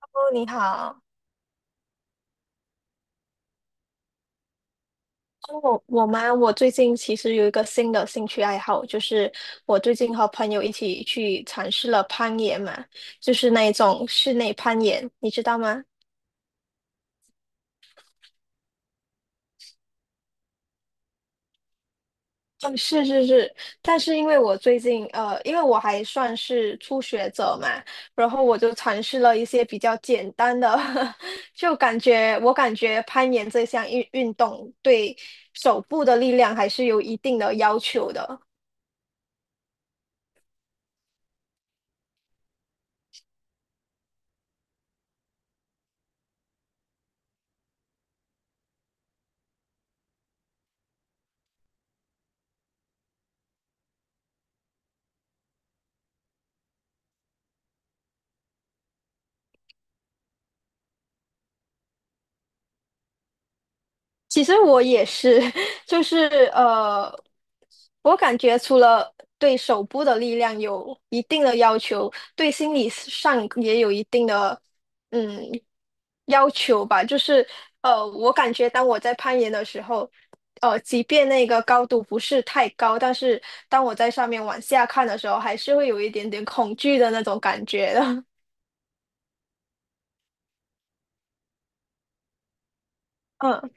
哦，你好。哦，我吗？我最近其实有一个新的兴趣爱好，就是我最近和朋友一起去尝试了攀岩嘛，就是那一种室内攀岩，你知道吗？嗯，是是是，但是因为我最近因为我还算是初学者嘛，然后我就尝试了一些比较简单的，就感觉我感觉攀岩这项运动对手部的力量还是有一定的要求的。其实我也是，就是呃，我感觉除了对手部的力量有一定的要求，对心理上也有一定的嗯要求吧。就是,我感觉当我在攀岩的时候，即便那个高度不是太高，但是当我在上面往下看的时候，还是会有一点点恐惧的那种感觉的。嗯。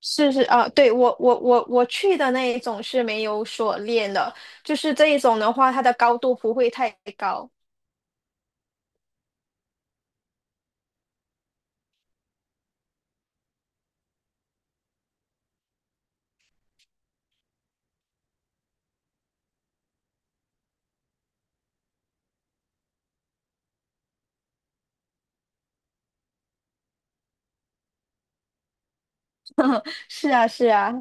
是是啊，对，我去的那一种是没有锁链的，就是这一种的话，它的高度不会太高。是啊是啊，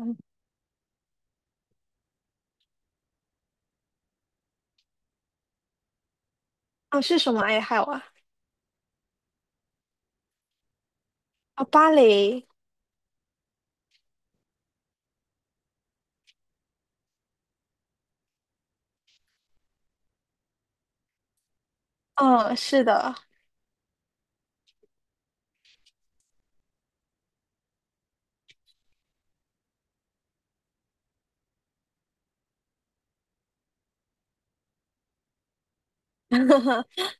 啊是什么爱好啊？啊芭蕾，嗯，是的，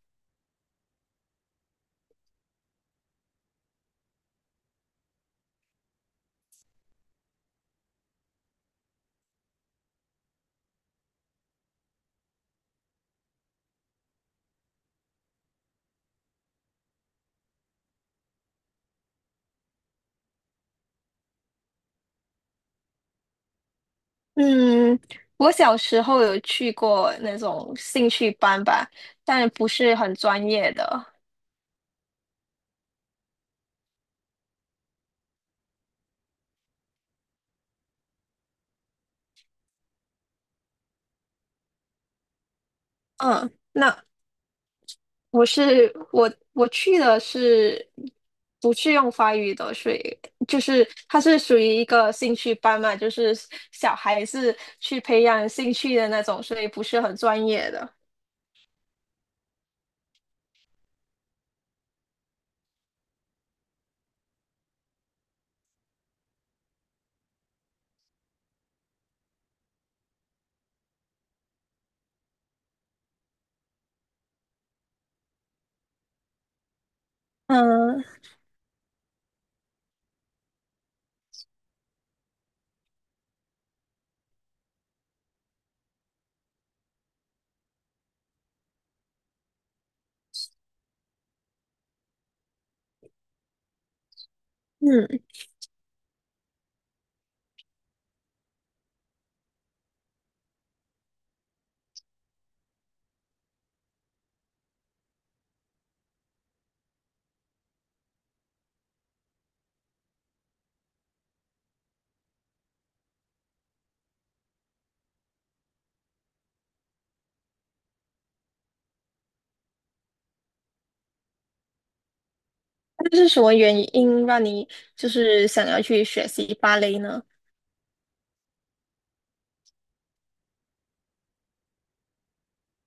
嗯，我小时候有去过那种兴趣班吧，但不是很专业的。嗯，那我去的是不是用法语的，所以就是它是属于一个兴趣班嘛，就是小孩子去培养兴趣的那种，所以不是很专业的。嗯嗯，那是什么原因让你就是想要去学习芭蕾呢？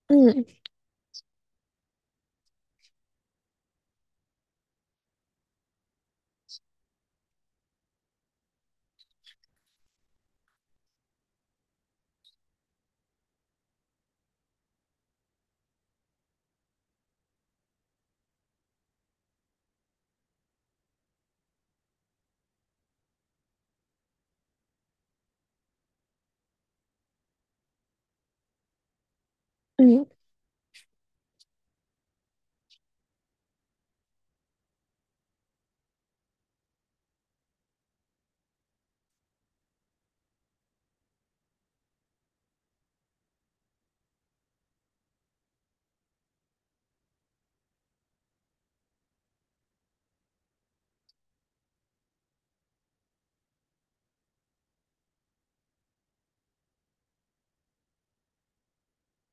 嗯嗯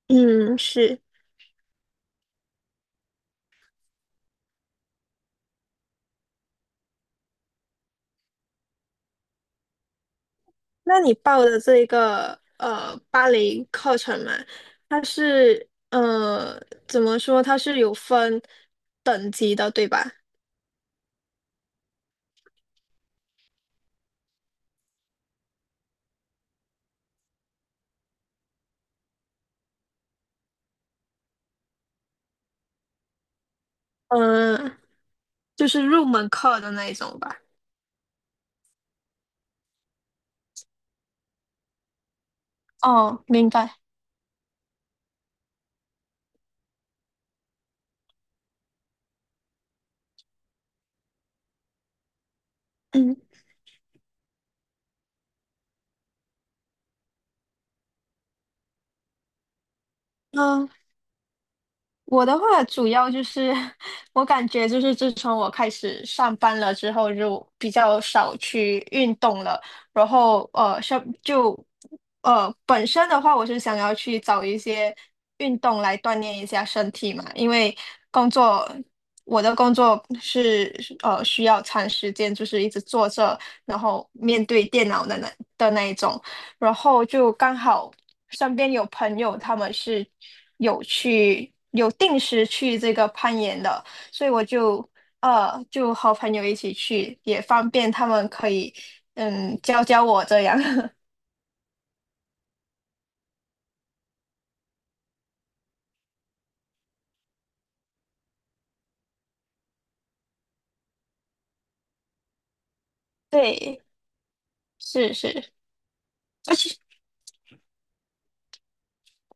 嗯，是。那你报的这一个芭蕾课程嘛，它是呃怎么说？它是有分等级的，对吧？嗯、就是入门课的那一种吧。哦，明白。嗯，那我的话主要就是 我感觉就是自从我开始上班了之后，就比较少去运动了。然后像本身的话，我是想要去找一些运动来锻炼一下身体嘛，因为工作我的工作是呃需要长时间就是一直坐着，然后面对电脑的那一种。然后就刚好身边有朋友，他们是有去有定时去这个攀岩的，所以我就就和朋友一起去，也方便他们可以嗯教教我这样。对，是是，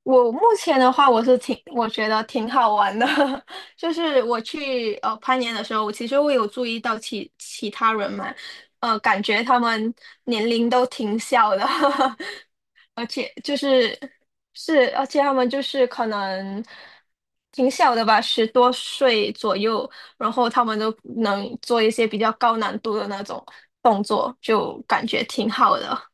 我目前的话，我觉得挺好玩的，就是我去攀岩的时候，我其实有注意到其他人嘛，感觉他们年龄都挺小的。就是是，而且他们就是可能挺小的吧，十多岁左右，然后他们都能做一些比较高难度的那种动作，就感觉挺好的。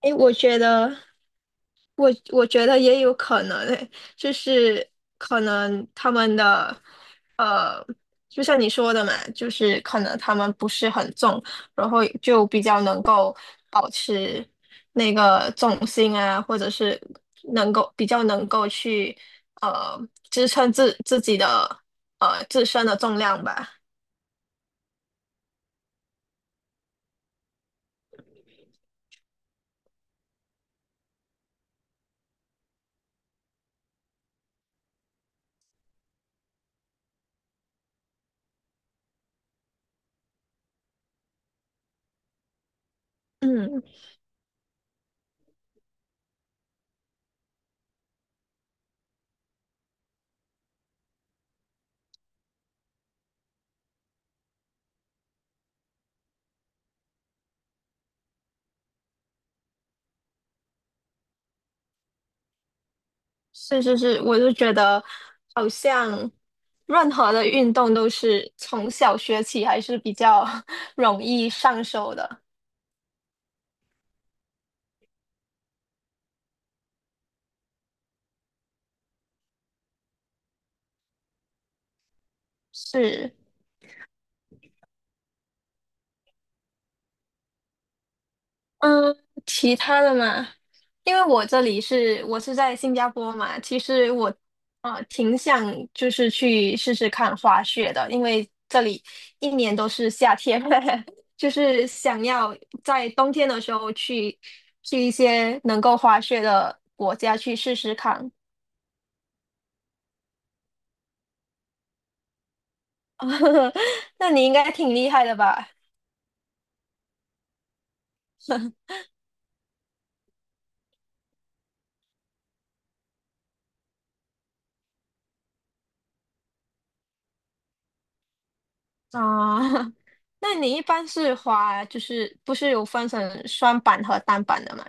诶，我觉得。我觉得也有可能诶，就是可能他们的呃，就像你说的嘛，就是可能他们不是很重，然后就比较能够保持那个重心啊，或者是比较能够去呃支撑自己的自身的重量吧。嗯。是，我就觉得好像任何的运动都是从小学起还是比较 容易上手的。是，嗯，其他的嘛，因为我是在新加坡嘛，其实我啊挺想就是去试试看滑雪的，因为这里一年都是夏天，就是想要在冬天的时候去一些能够滑雪的国家去试试看。那你应该挺厉害的吧？啊，那你一般是滑，就是不是有分成双板和单板的吗？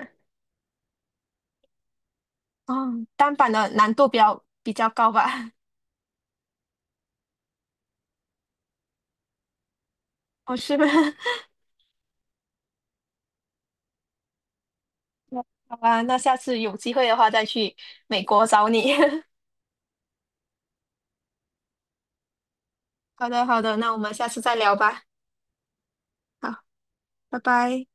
哦，单板的难度比较高吧？哦，是吗？好吧，那下次有机会的话再去美国找你。好的，好的，那我们下次再聊吧。好，拜拜。